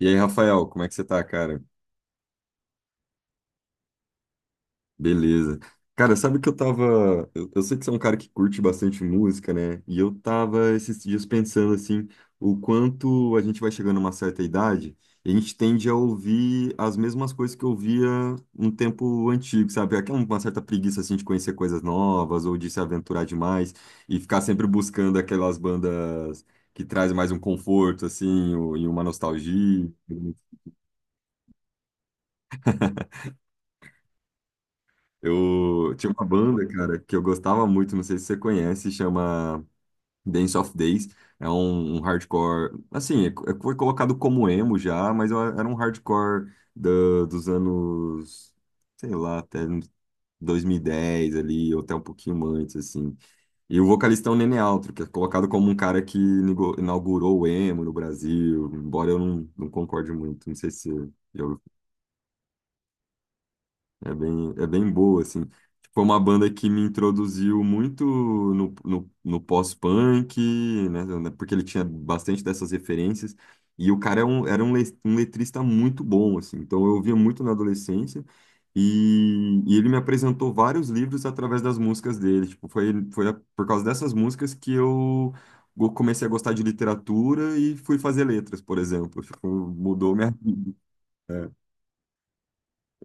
E aí, Rafael, como é que você tá, cara? Beleza. Cara, sabe que eu tava. Eu sei que você é um cara que curte bastante música, né? E eu tava esses dias pensando, assim, o quanto a gente vai chegando a uma certa idade e a gente tende a ouvir as mesmas coisas que eu ouvia um tempo antigo, sabe? Aquela uma certa preguiça, assim, de conhecer coisas novas ou de se aventurar demais e ficar sempre buscando aquelas bandas que trazem mais um conforto, assim, e uma nostalgia. Eu tinha uma banda, cara, que eu gostava muito, não sei se você conhece, chama Dance of Days. É um hardcore, assim, foi colocado como emo já, mas era um hardcore dos anos, sei lá, até uns 2010 ali, ou até um pouquinho antes, assim. E o vocalista é o Nene Altro, que é colocado como um cara que inaugurou o emo no Brasil, embora eu não concorde muito, não sei se eu. É bem boa, assim. Foi uma banda que me introduziu muito no pós-punk, né? Porque ele tinha bastante dessas referências. E o cara é um, era um, um letrista muito bom, assim. Então eu ouvia muito na adolescência. E ele me apresentou vários livros através das músicas dele. Tipo, por causa dessas músicas que eu comecei a gostar de literatura e fui fazer letras, por exemplo. Tipo, mudou minha vida. É,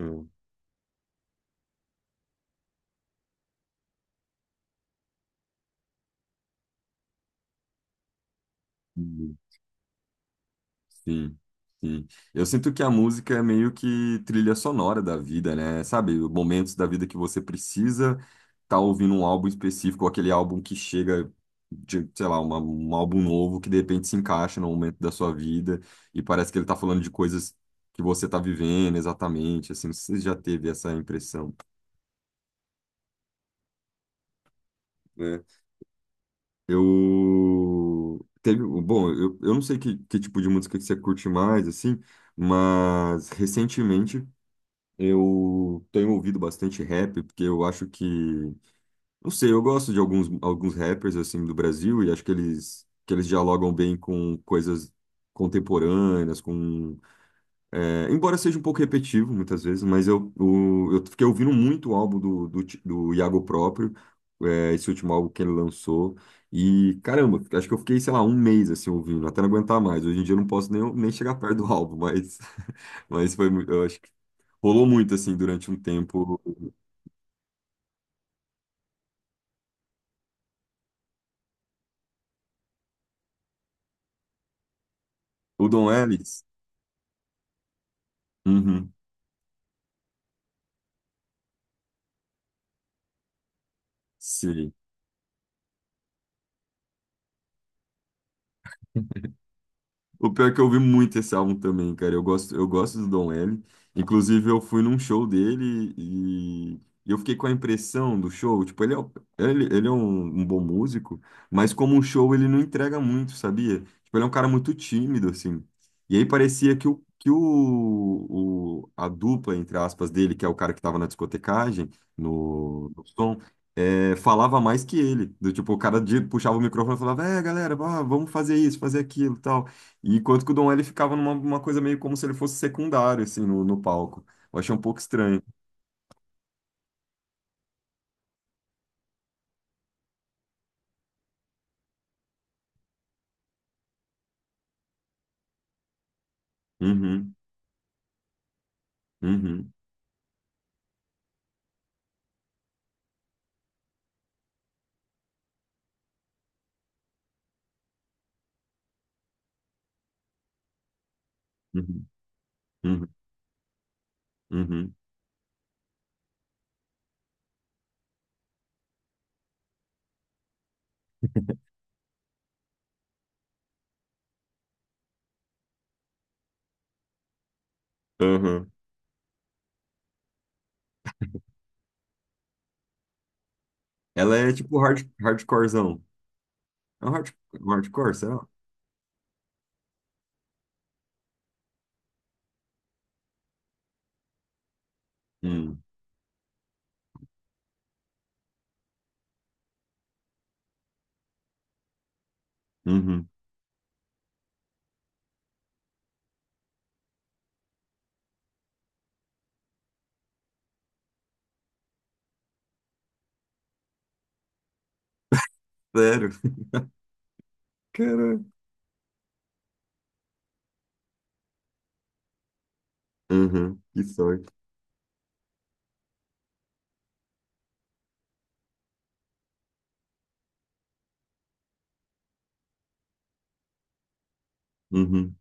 é. Sim, sim. Eu sinto que a música é meio que trilha sonora da vida, né? Sabe, momentos da vida que você precisa estar ouvindo um álbum específico, ou aquele álbum que chega de, sei lá, um álbum novo que de repente se encaixa no momento da sua vida e parece que ele tá falando de coisas que você tá vivendo exatamente, assim, você já teve essa impressão, né? Eu teve, bom, eu, não sei que tipo de música que você curte mais, assim, mas recentemente eu tenho ouvido bastante rap, porque eu acho que, não sei, eu gosto de alguns rappers assim do Brasil e acho que eles dialogam bem com coisas contemporâneas, é, embora seja um pouco repetitivo muitas vezes, mas eu fiquei ouvindo muito o álbum do Iago próprio, é, esse último álbum que ele lançou. E caramba, acho que eu fiquei, sei lá, um mês assim ouvindo, até não aguentar mais. Hoje em dia eu não posso nem, nem chegar perto do álbum, mas, mas eu acho que rolou muito, assim, durante um tempo. O Don Ellis? Uhum, sim. O pior é que eu ouvi muito esse álbum também, cara. Eu gosto do Don L. Inclusive, eu fui num show dele e eu fiquei com a impressão do show. Tipo, ele, ele é um, um bom músico, mas como um show ele não entrega muito, sabia? Tipo, ele é um cara muito tímido, assim. E aí parecia que a dupla, entre aspas, dele, que é o cara que tava na discotecagem, no som, é, falava mais que ele. Do tipo, puxava o microfone e falava, é, galera, vá, vamos fazer isso, fazer aquilo, tal. E enquanto que o Dom ele ficava numa uma coisa meio como se ele fosse secundário, assim, no palco. Eu achei um pouco estranho. Uhum, uhum, uhum, uhum, uhum, uhum. Ela é tipo hardcorezão. É um hard, um hardcore, será? Hum, uhum. Sério? Caramba. Uhum, que sorte. Uhum.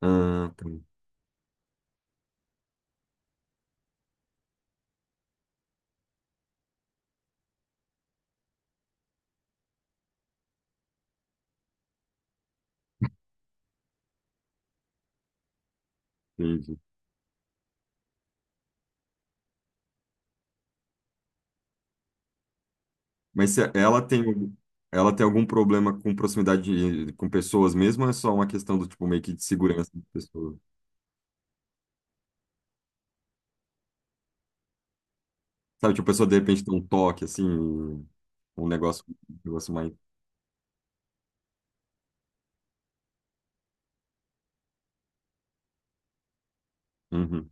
Ah, tá. Entendi. Mas se ela tem, algum- ela tem algum problema com proximidade com pessoas mesmo ou é só uma questão do tipo meio que de segurança das pessoas? Sabe, tipo, a pessoa de repente tem um toque, assim, um negócio mais. Uhum,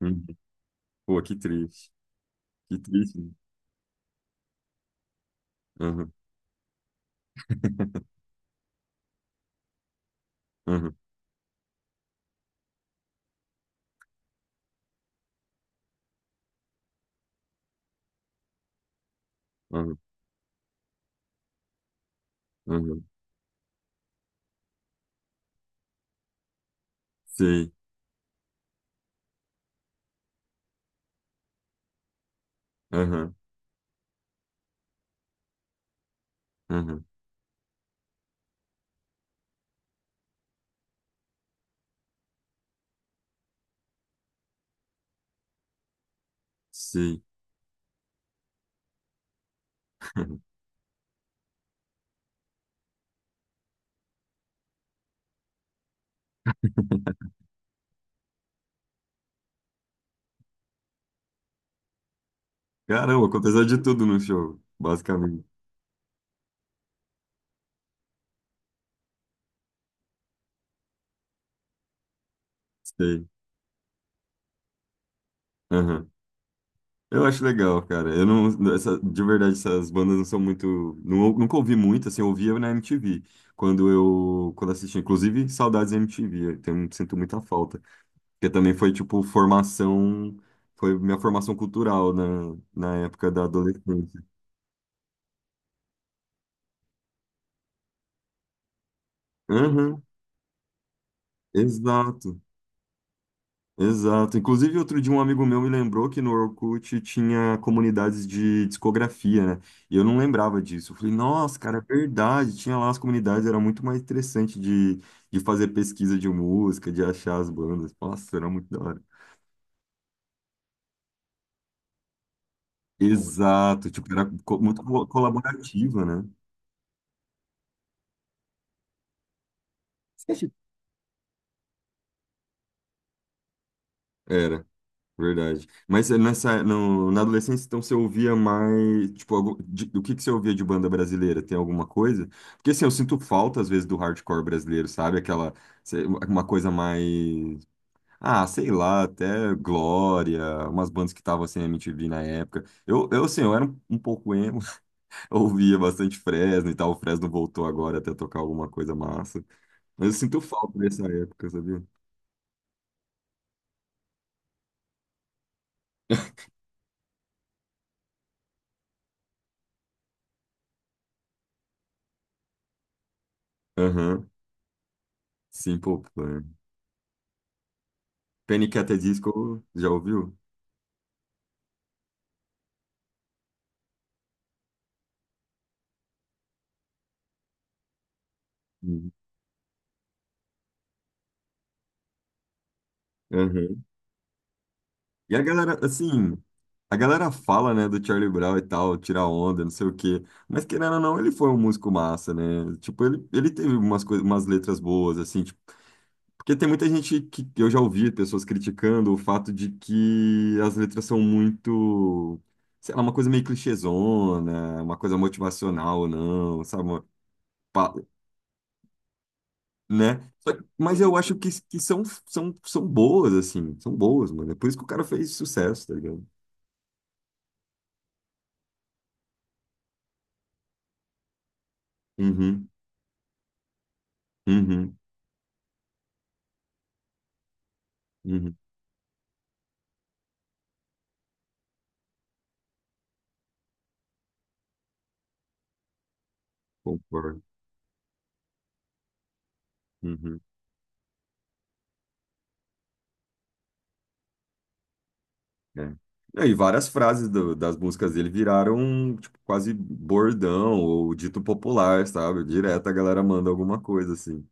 uhum. Pô, que triste. Que triste, né? Uhum, uhum, uhum, uhum. Sei. Uhum, uhum. Sei. Caramba, aconteceu de tudo no show, basicamente. Sei. Aham. Eu acho legal, cara. Eu não, essa, de verdade, essas bandas não são muito, não, nunca ouvi muito, assim, eu ouvia na MTV, quando eu, quando assistia, inclusive, saudades da MTV, sinto muita falta. Porque também foi, tipo, formação, foi minha formação cultural na época da adolescência. Aham, exato, exato. Inclusive, outro dia um amigo meu me lembrou que no Orkut tinha comunidades de discografia, né? E eu não lembrava disso. Eu falei, nossa, cara, é verdade, tinha lá as comunidades, era muito mais interessante de fazer pesquisa de música, de achar as bandas. Nossa, era muito da hora. Exato, tipo, era muito colaborativa, né? Você acha- Era. Verdade. Mas eh, nessa, no, na adolescência, então, você ouvia mais, tipo, do que você ouvia de banda brasileira? Tem alguma coisa? Porque, assim, eu sinto falta, às vezes, do hardcore brasileiro, sabe? Uma coisa mais, ah, sei lá, até Glória, umas bandas que estavam, assim, na MTV na época. Eu era um, um pouco emo, eu ouvia bastante Fresno e tal, o Fresno voltou agora até tocar alguma coisa massa. Mas eu sinto falta dessa época, sabia? Aham, Simple Plan. Panic! At the Disco, já ouviu? Uhum. Uhum. E a galera, assim, a galera fala, né, do Charlie Brown e tal, tirar onda, não sei o quê. Mas querendo ou não, ele foi um músico massa, né? Tipo, ele teve umas coisas, umas letras boas, assim, tipo, porque tem muita gente que eu já ouvi pessoas criticando o fato de que as letras são muito, sei lá, uma coisa meio clichêzona, uma coisa motivacional ou não, sabe? Pa- né? Mas eu acho que são, são boas, assim, são boas, mano. É por isso que o cara fez sucesso, tá ligado? Uhum, uhum, uhum, concordo. Uhum, é. Não, e várias frases das músicas dele viraram tipo, quase bordão ou dito popular, sabe? Direto a galera manda alguma coisa assim.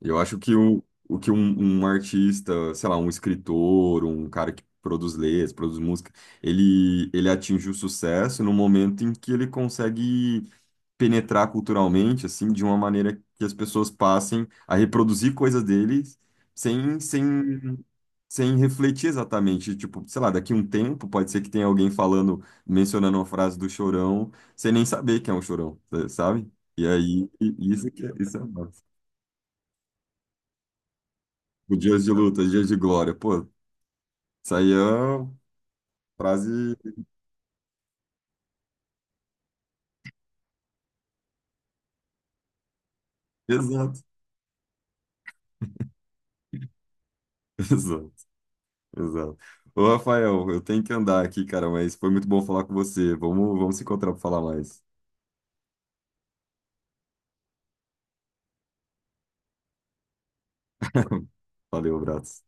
Eu acho que o que um artista, sei lá, um escritor, um cara que produz letras, produz música, ele atinge o sucesso no momento em que ele consegue penetrar culturalmente, assim, de uma maneira que as pessoas passem a reproduzir coisas dele sem, sem sem refletir exatamente. Tipo, sei lá, daqui um tempo pode ser que tenha alguém falando, mencionando uma frase do Chorão, sem nem saber quem é o Chorão, sabe? Isso que é, isso é massa. O dias de luta, os dias de glória. Pô, isso aí é uma frase exato, exato, exato. Ô, Rafael, eu tenho que andar aqui, cara, mas foi muito bom falar com você. Vamos se encontrar para falar mais. Valeu, abraço.